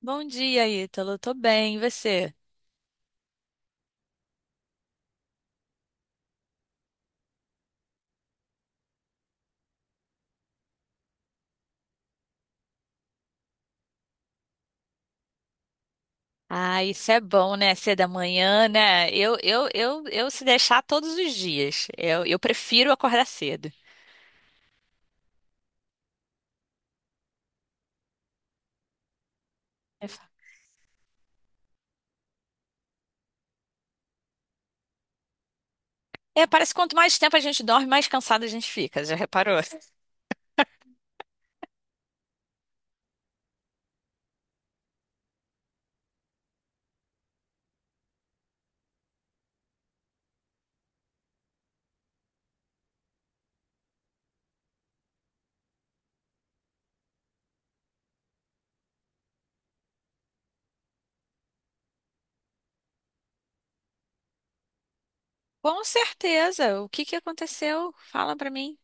Bom dia, Ítalo. Tô bem, e você? Ah, isso é bom, né? Ser da manhã, né? Eu se deixar todos os dias. Eu prefiro acordar cedo. É, parece que quanto mais tempo a gente dorme, mais cansada a gente fica. Já reparou? Com certeza. O que que aconteceu? Fala pra mim.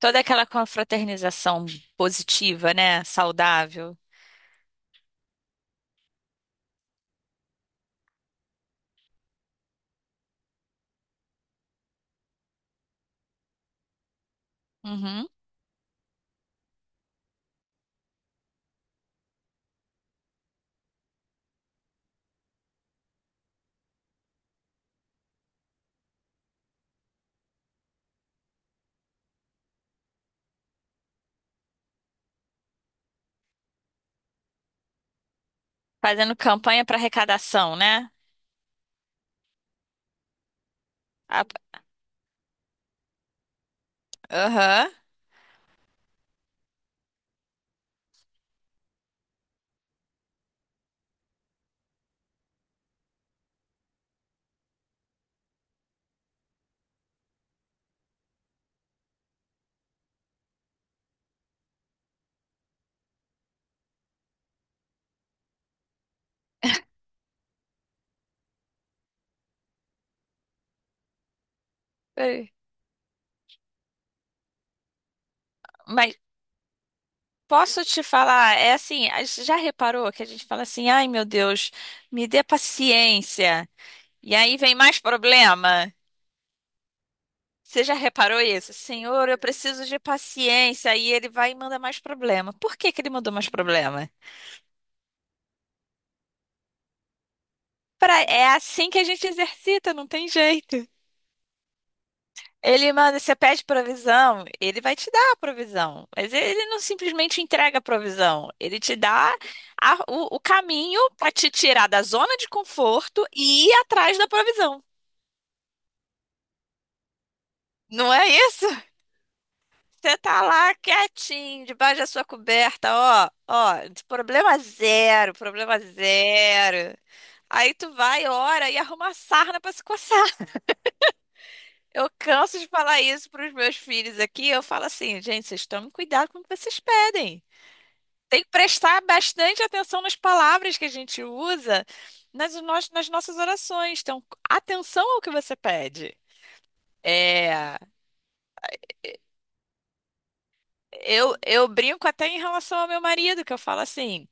Toda aquela confraternização positiva, né? Saudável. Uhum. Fazendo campanha pra arrecadação, né? A- Aham. Mas Posso te falar, é assim, a gente já reparou que a gente fala assim, ai meu Deus, me dê paciência. E aí vem mais problema. Você já reparou isso? Senhor, eu preciso de paciência. E ele vai e manda mais problema. Por que que ele mandou mais problema? É assim que a gente exercita, não tem jeito. Ele manda, você pede provisão, ele vai te dar a provisão. Mas ele não simplesmente entrega a provisão. Ele te dá o caminho para te tirar da zona de conforto e ir atrás da provisão. Não é isso? Você tá lá quietinho, debaixo da sua coberta, ó, ó, problema zero, problema zero. Aí tu vai, ora e arruma a sarna pra se coçar. Eu canso de falar isso pros meus filhos aqui. Eu falo assim, gente, vocês tomem cuidado com o que vocês pedem. Tem que prestar bastante atenção nas palavras que a gente usa nas nossas orações. Então, atenção ao que você pede. É, eu brinco até em relação ao meu marido, que eu falo assim: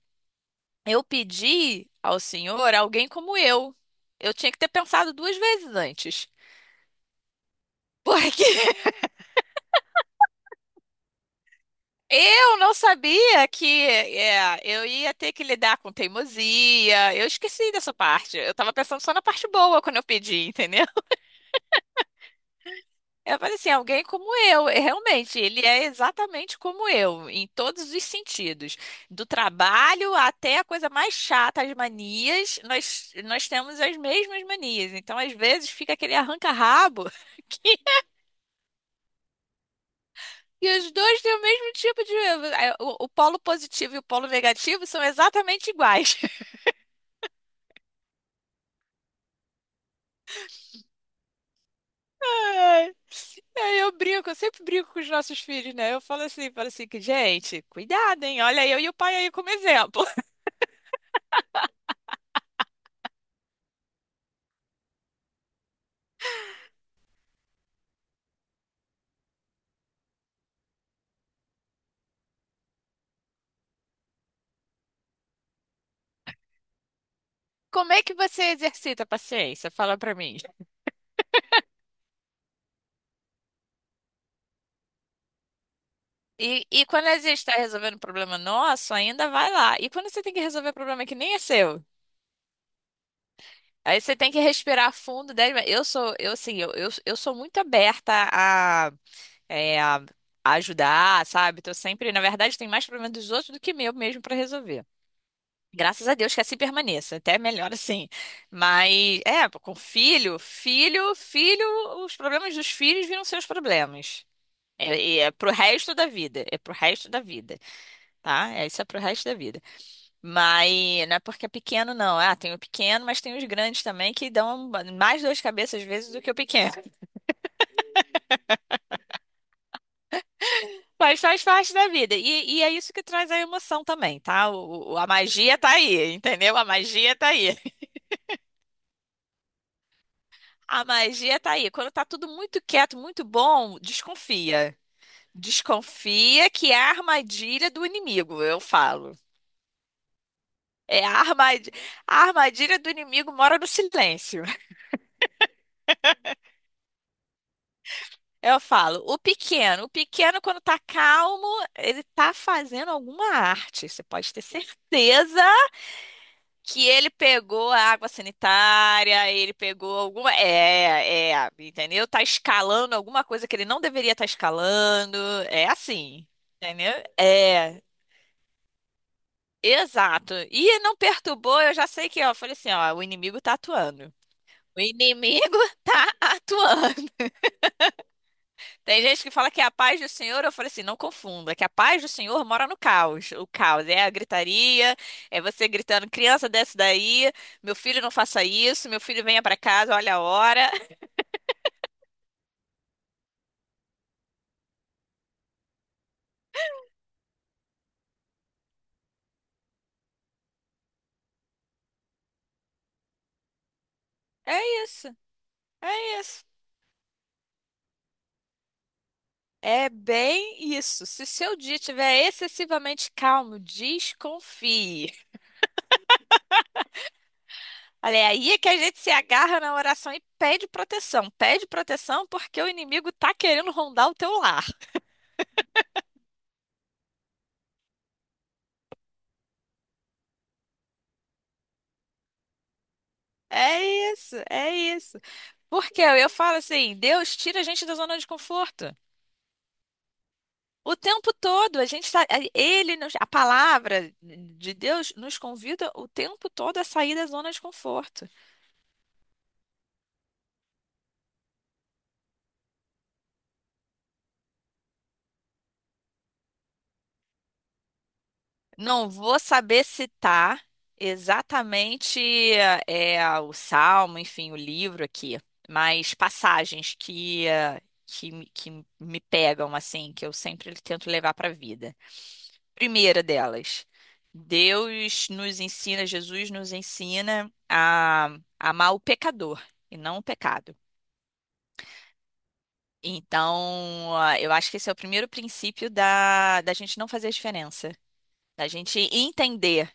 eu pedi ao Senhor alguém como eu. Eu tinha que ter pensado duas vezes antes. Porque eu não sabia eu ia ter que lidar com teimosia. Eu esqueci dessa parte. Eu tava pensando só na parte boa quando eu pedi, entendeu? Eu falei assim, alguém como eu, e realmente, ele é exatamente como eu, em todos os sentidos, do trabalho até a coisa mais chata, as manias, nós temos as mesmas manias, então às vezes fica aquele arranca-rabo que e os dois têm o mesmo tipo de o polo positivo e o polo negativo são exatamente iguais. Ai, Aí eu brinco, eu sempre brinco com os nossos filhos, né? Eu falo assim, que gente, cuidado, hein? Olha eu e o pai aí como exemplo. Como é que você exercita a paciência? Fala pra mim. E quando a gente está resolvendo um problema nosso, ainda vai lá. E quando você tem que resolver um problema que nem é seu? Aí você tem que respirar fundo. Dez Eu sou, eu assim, eu sou muito aberta a, é, a a ajudar, sabe? Tô sempre, na verdade, tem mais problemas dos outros do que meu mesmo pra resolver. Graças a Deus que assim permaneça, até melhor assim. Mas, com filho, filho, filho, os problemas dos filhos viram seus problemas. É, e é pro resto da vida, é pro resto da vida, tá? É, isso é pro resto da vida. Mas não é porque é pequeno, não. Ah, tem o pequeno, mas tem os grandes também que dão mais dor de cabeça às vezes do que o pequeno. Mas faz parte da vida. E é isso que traz a emoção também, tá? A magia tá aí, entendeu? A magia tá aí. A magia tá aí. Quando tá tudo muito quieto, muito bom, desconfia. Desconfia que é a armadilha do inimigo, eu falo. É, a armadilha do inimigo mora no silêncio. Eu falo, o pequeno quando tá calmo, ele tá fazendo alguma arte. Você pode ter certeza que ele pegou a água sanitária, ele pegou alguma, entendeu? Tá escalando alguma coisa que ele não deveria estar escalando. É assim, entendeu? É, exato. E não perturbou, eu já sei que, ó, eu falei assim, ó, o inimigo tá atuando. O inimigo tá atuando. Tem gente que fala que é a paz do Senhor, eu falei assim, não confunda, que a paz do Senhor mora no caos. O caos é a gritaria, é você gritando, criança desce daí, meu filho não faça isso, meu filho venha pra casa, olha a hora. É isso, é isso. É bem isso. Se seu dia estiver excessivamente calmo, desconfie. Olha, é aí que a gente se agarra na oração e pede proteção. Pede proteção porque o inimigo tá querendo rondar o teu lar. É isso, é isso. Porque eu falo assim, Deus tira a gente da zona de conforto. O tempo todo, a gente tá, a palavra de Deus nos convida o tempo todo a sair da zona de conforto. Não vou saber citar exatamente o Salmo, enfim, o livro aqui, mas passagens que, eh, que me pegam assim, que eu sempre tento levar para a vida. Primeira delas, Deus nos ensina, Jesus nos ensina a amar o pecador e não o pecado. Então, ah, eu acho que esse é o primeiro princípio da gente não fazer a diferença, da gente entender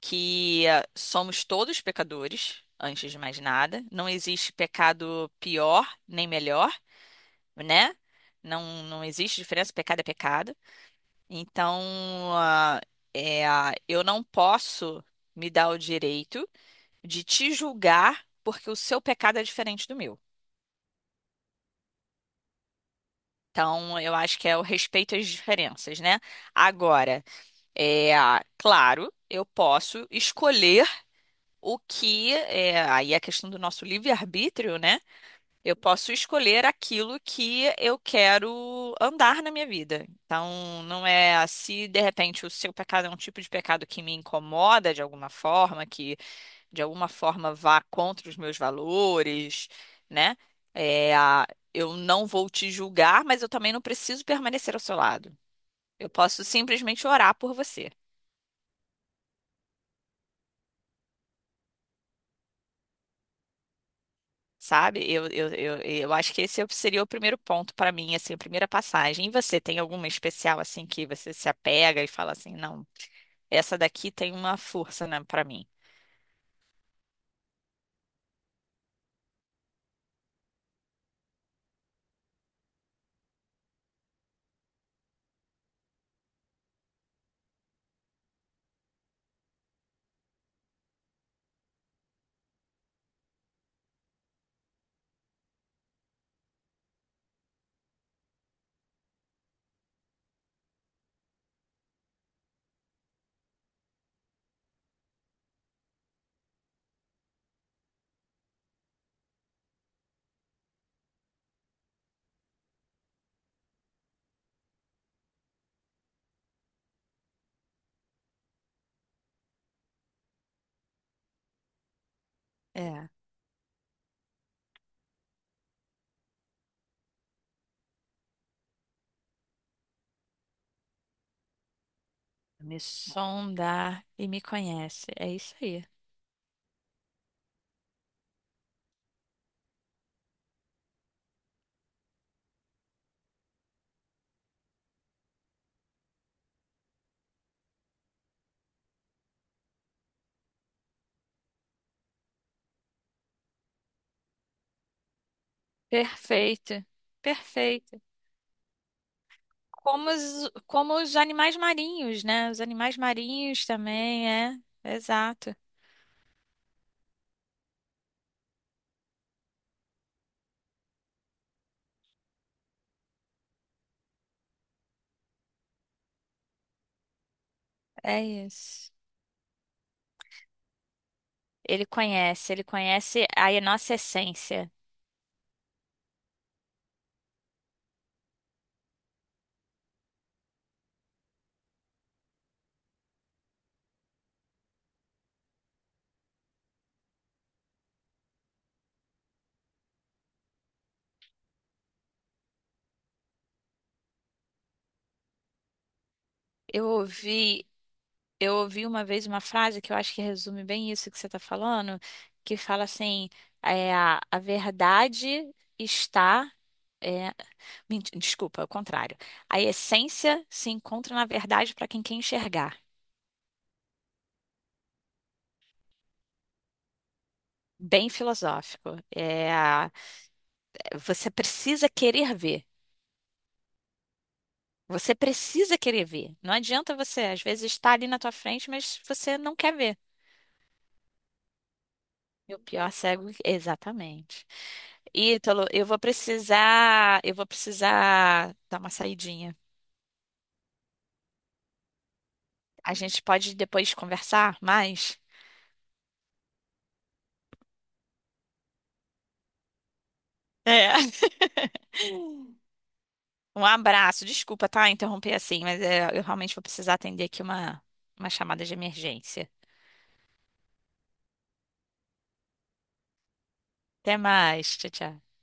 que ah, somos todos pecadores, antes de mais nada. Não existe pecado pior nem melhor, né? Não, não existe diferença, pecado é pecado. Então, ah, eu não posso me dar o direito de te julgar porque o seu pecado é diferente do meu. Então, eu acho que é o respeito às diferenças, né? Agora, ah, claro, eu posso escolher o que, aí é a questão do nosso livre-arbítrio, né? Eu posso escolher aquilo que eu quero andar na minha vida. Então, não é se de repente o seu pecado é um tipo de pecado que me incomoda de alguma forma, que de alguma forma vá contra os meus valores, né? É, eu não vou te julgar, mas eu também não preciso permanecer ao seu lado. Eu posso simplesmente orar por você. Sabe? Eu acho que esse seria o primeiro ponto para mim, assim, a primeira passagem. E você tem alguma especial assim que você se apega e fala assim, não, essa daqui tem uma força, né, para mim. É, me sonda e me conhece. É isso aí. Perfeito. Perfeito. Como os animais marinhos, né? Os animais marinhos também, é. Exato. É isso. Ele conhece a nossa essência. Eu ouvi Eu ouvi uma vez uma frase que eu acho que resume bem isso que você está falando, que fala assim, é, a verdade está. É, desculpa, é o contrário. A essência se encontra na verdade para quem quer enxergar. Bem filosófico. Você precisa querer ver. Você precisa querer ver. Não adianta você, às vezes, estar ali na tua frente, mas você não quer ver. E o pior cego, exatamente. Ítalo, eu vou precisar dar uma saidinha. A gente pode depois conversar mais? É. Um abraço. Desculpa, tá? Interromper assim, mas eu realmente vou precisar atender aqui uma chamada de emergência. Até mais. Tchau, tchau.